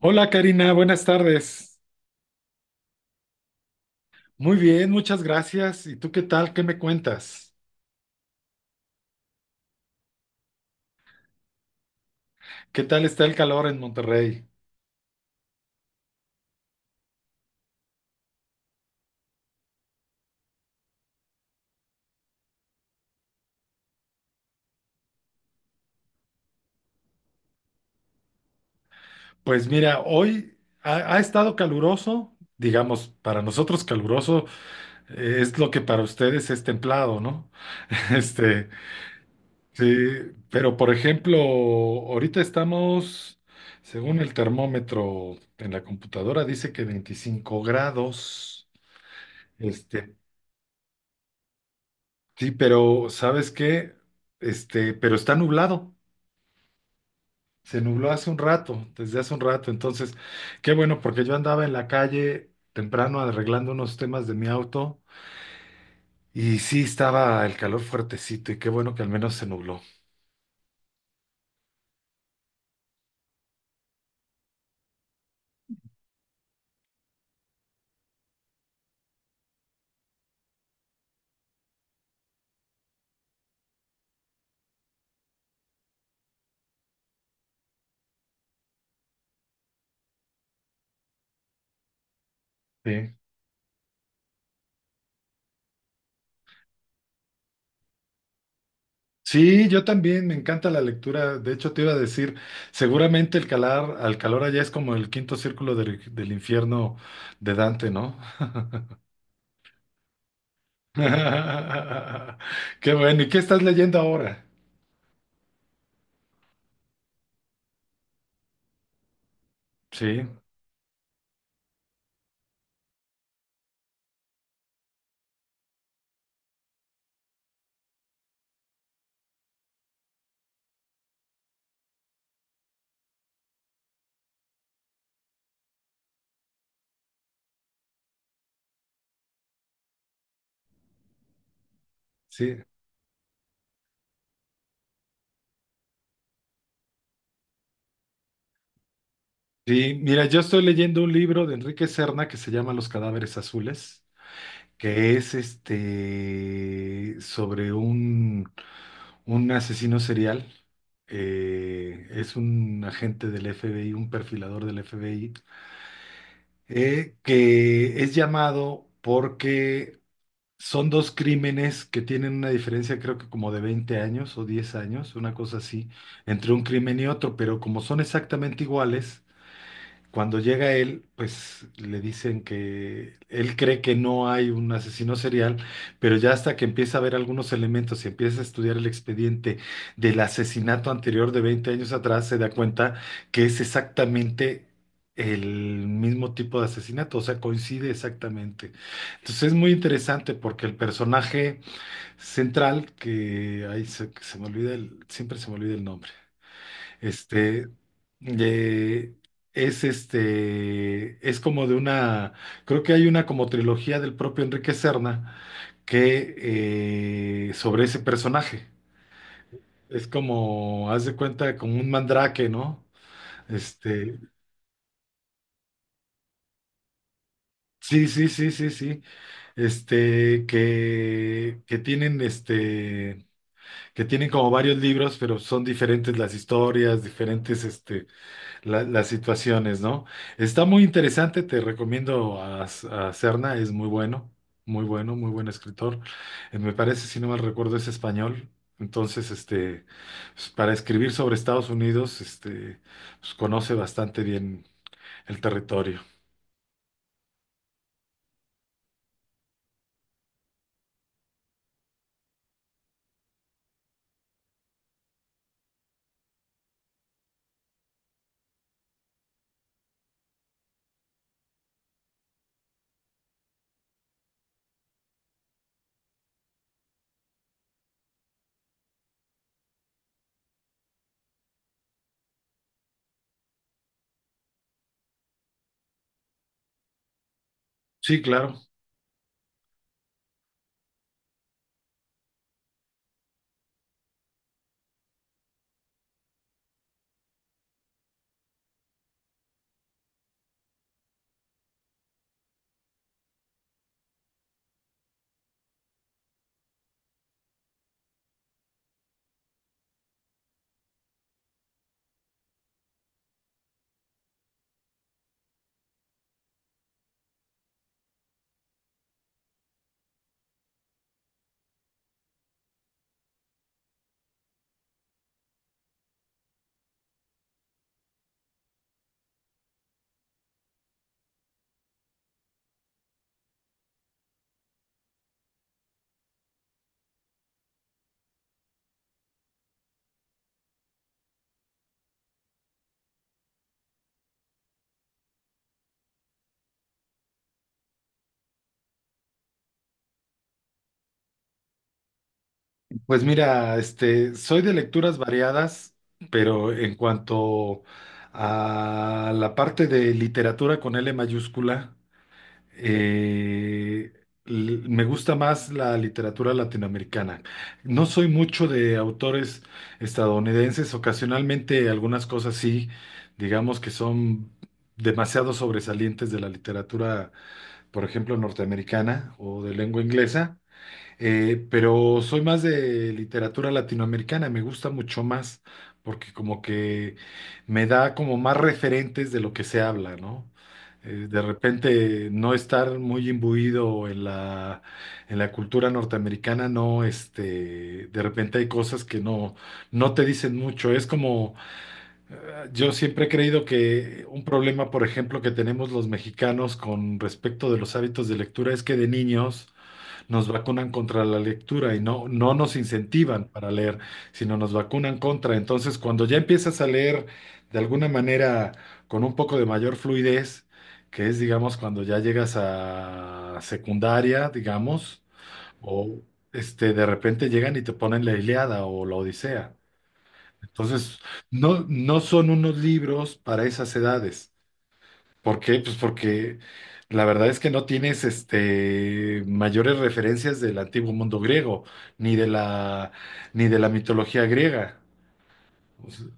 Hola Karina, buenas tardes. Muy bien, muchas gracias. ¿Y tú qué tal? ¿Qué me cuentas? ¿Qué tal está el calor en Monterrey? Pues mira, hoy ha estado caluroso, digamos, para nosotros caluroso es lo que para ustedes es templado, ¿no? Este, sí, pero por ejemplo, ahorita estamos, según el termómetro en la computadora, dice que 25 grados. Este, Sí, pero ¿sabes qué? Pero está nublado. Se nubló hace un rato, desde hace un rato. Entonces, qué bueno, porque yo andaba en la calle temprano arreglando unos temas de mi auto y sí estaba el calor fuertecito y qué bueno que al menos se nubló. Sí. Sí, yo también me encanta la lectura. De hecho, te iba a decir, seguramente al calor allá es como el quinto círculo del infierno de Dante, ¿no? Qué bueno. ¿Y qué estás leyendo ahora? Sí, sí. Sí, mira, yo estoy leyendo un libro de Enrique Serna que se llama Los cadáveres azules, que es sobre un asesino serial. Es un agente del FBI, un perfilador del FBI, que es llamado porque son dos crímenes que tienen una diferencia, creo que como de 20 años o 10 años, una cosa así, entre un crimen y otro, pero como son exactamente iguales cuando llega él, pues le dicen que él cree que no hay un asesino serial, pero ya hasta que empieza a ver algunos elementos y empieza a estudiar el expediente del asesinato anterior de 20 años atrás, se da cuenta que es exactamente el mismo tipo de asesinato, o sea, coincide exactamente. Entonces es muy interesante porque el personaje central, que ahí se me olvida siempre se me olvida el nombre. Este, de- es es como de una, creo que hay una como trilogía del propio Enrique Serna que sobre ese personaje. Es como, haz de cuenta, como un mandrake, ¿no? Este, sí, sí, sí, sí, sí. Que tienen que tienen como varios libros, pero son diferentes las historias, diferentes, las situaciones, ¿no? Está muy interesante, te recomiendo a Serna, es muy bueno, muy bueno, muy buen escritor. Me parece, si no mal recuerdo, es español. Entonces, pues, para escribir sobre Estados Unidos, pues, conoce bastante bien el territorio. Sí, claro. Pues mira, soy de lecturas variadas, pero en cuanto a la parte de literatura con L mayúscula, eh, me gusta más la literatura latinoamericana. No soy mucho de autores estadounidenses, ocasionalmente algunas cosas sí, digamos que son demasiado sobresalientes de la literatura, por ejemplo, norteamericana o de lengua inglesa. Pero soy más de literatura latinoamericana, me gusta mucho más porque como que me da como más referentes de lo que se habla, ¿no? De repente no estar muy imbuido en la cultura norteamericana, no, de repente hay cosas que no te dicen mucho. Es como, yo siempre he creído que un problema, por ejemplo, que tenemos los mexicanos con respecto de los hábitos de lectura es que de niños nos vacunan contra la lectura y no nos incentivan para leer, sino nos vacunan contra. Entonces, cuando ya empiezas a leer de alguna manera con un poco de mayor fluidez, que es, digamos, cuando ya llegas a secundaria, digamos, o de repente llegan y te ponen la Ilíada o la Odisea. Entonces, no, no son unos libros para esas edades. ¿Por qué? Pues porque la verdad es que no tienes mayores referencias del antiguo mundo griego, ni de la, ni de la mitología griega. O sea,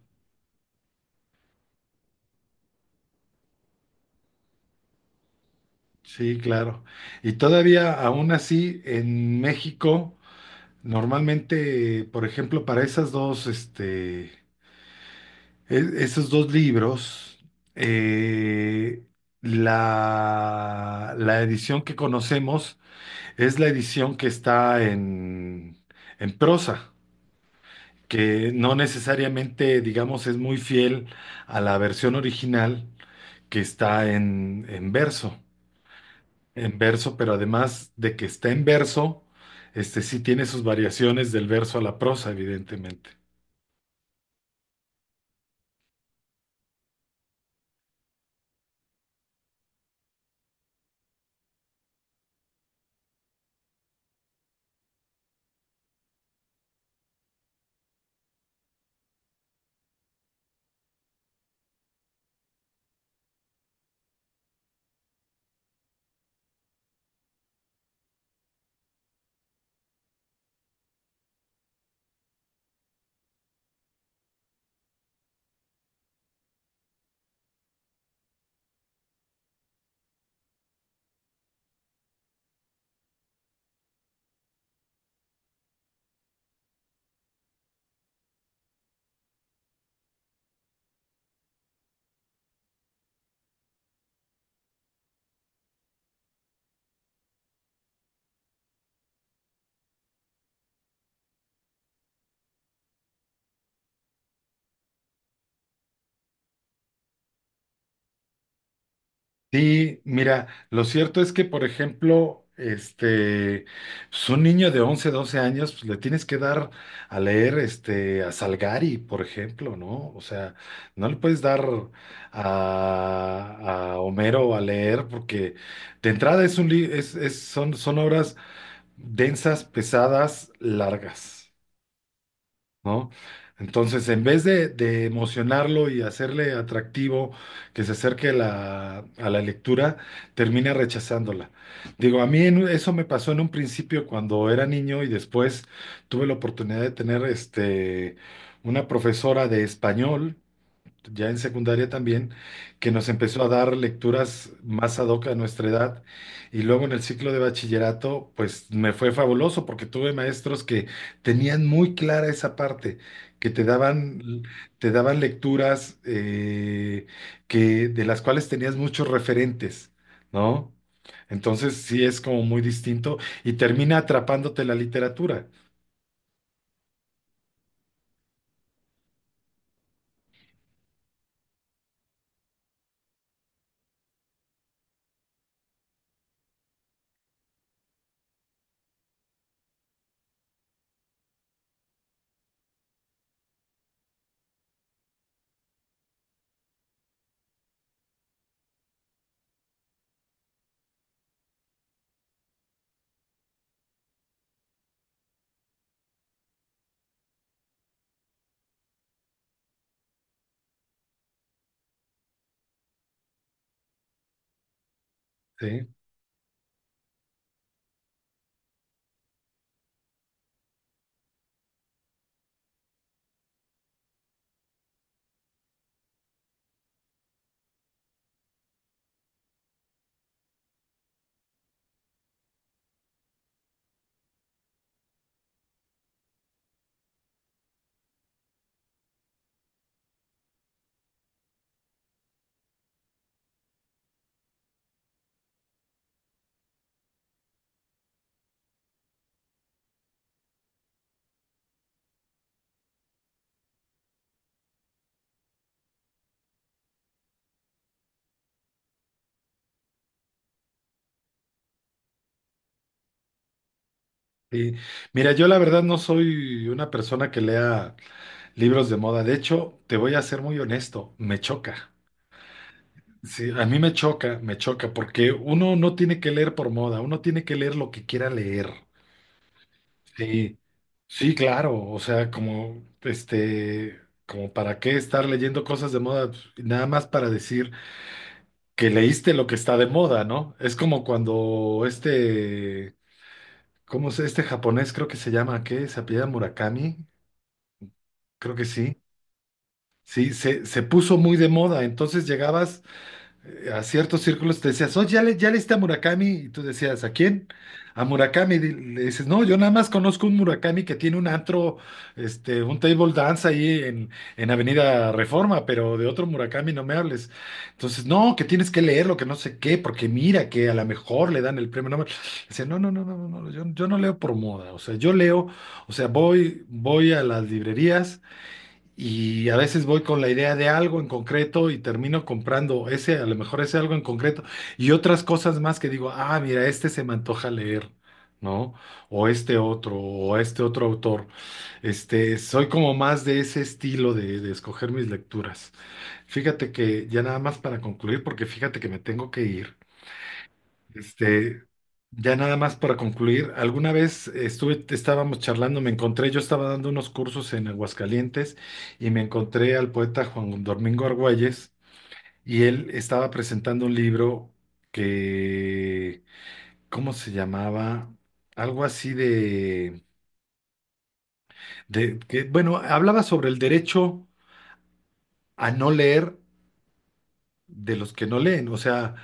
sí, claro. Y todavía, aún así, en México, normalmente, por ejemplo, para esas dos, esos dos libros, eh, la edición que conocemos es la edición que está en prosa. Que no necesariamente, digamos, es muy fiel a la versión original que está en verso, en verso, pero además de que está en verso, este sí tiene sus variaciones del verso a la prosa, evidentemente. Sí, mira, lo cierto es que, por ejemplo, pues un niño de 11, 12 años, pues le tienes que dar a leer, a Salgari, por ejemplo, ¿no? O sea, no le puedes dar a, a Homero a leer porque de entrada es un li- es- son, son obras densas, pesadas, largas, ¿no? Entonces, en vez de, emocionarlo y hacerle atractivo que se acerque a la lectura, termina rechazándola. Digo, a mí eso me pasó en un principio cuando era niño y después tuve la oportunidad de tener una profesora de español ya en secundaria también, que nos empezó a dar lecturas más ad hoc a nuestra edad. Y luego en el ciclo de bachillerato, pues me fue fabuloso porque tuve maestros que tenían muy clara esa parte, que te daban lecturas que, de las cuales tenías muchos referentes, ¿no? Entonces sí es como muy distinto y termina atrapándote la literatura, ¿sí? Sí. Mira, yo la verdad no soy una persona que lea libros de moda. De hecho, te voy a ser muy honesto, me choca. Sí, a mí me choca, porque uno no tiene que leer por moda, uno tiene que leer lo que quiera leer. Sí, sí, claro. O sea, como, como para qué estar leyendo cosas de moda. Pues, nada más para decir que leíste lo que está de moda, ¿no? Es como cuando ¿cómo es este japonés? Creo que se llama, ¿qué? ¿Se apellida Murakami? Creo que sí. Sí, se puso muy de moda. Entonces llegabas a ciertos círculos, te decías, oye, ya, ya leíste a Murakami. Y tú decías, ¿a quién? A Murakami. Le dices, no, yo nada más conozco un Murakami que tiene un antro, un table dance ahí en, Avenida Reforma, pero de otro Murakami no me hables. Entonces, no, que tienes que leerlo, que no sé qué, porque mira que a lo mejor le dan el premio Nobel. Dice, no, no, no, no, no, no, yo no leo por moda. O sea, yo leo, o sea, voy a las librerías y a veces voy con la idea de algo en concreto y termino comprando ese, a lo mejor ese algo en concreto y otras cosas más que digo, ah, mira, este se me antoja leer, ¿no? O este otro autor. Soy como más de ese estilo de escoger mis lecturas. Fíjate que ya nada más para concluir, porque fíjate que me tengo que ir. Este, ya nada más para concluir, alguna vez estábamos charlando, me encontré, yo estaba dando unos cursos en Aguascalientes y me encontré al poeta Juan Domingo Argüelles y él estaba presentando un libro que, ¿cómo se llamaba? Algo así de que, bueno, hablaba sobre el derecho a no leer de los que no leen, o sea,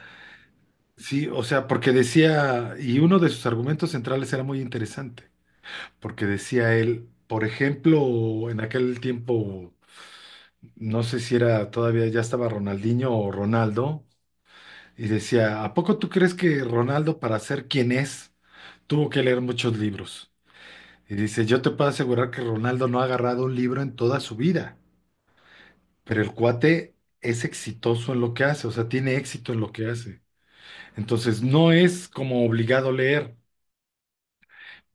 sí, o sea, porque decía, y uno de sus argumentos centrales era muy interesante porque decía él, por ejemplo, en aquel tiempo, no sé si era todavía ya estaba Ronaldinho o Ronaldo, y decía, ¿a poco tú crees que Ronaldo para ser quien es tuvo que leer muchos libros? Y dice, yo te puedo asegurar que Ronaldo no ha agarrado un libro en toda su vida, pero el cuate es exitoso en lo que hace, o sea, tiene éxito en lo que hace. Entonces, no es como obligado leer,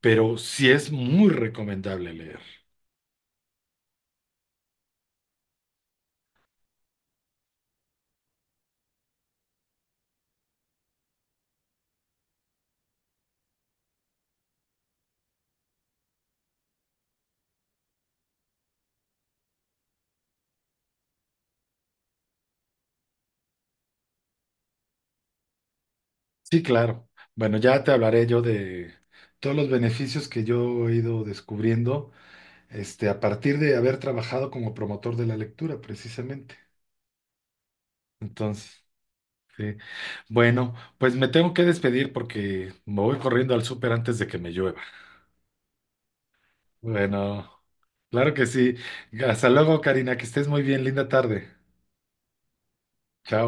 pero sí es muy recomendable leer. Sí, claro. Bueno, ya te hablaré yo de todos los beneficios que yo he ido descubriendo, a partir de haber trabajado como promotor de la lectura, precisamente. Entonces, sí. Bueno, pues me tengo que despedir porque me voy corriendo al súper antes de que me llueva. Bueno, claro que sí. Hasta luego, Karina, que estés muy bien. Linda tarde. Chao.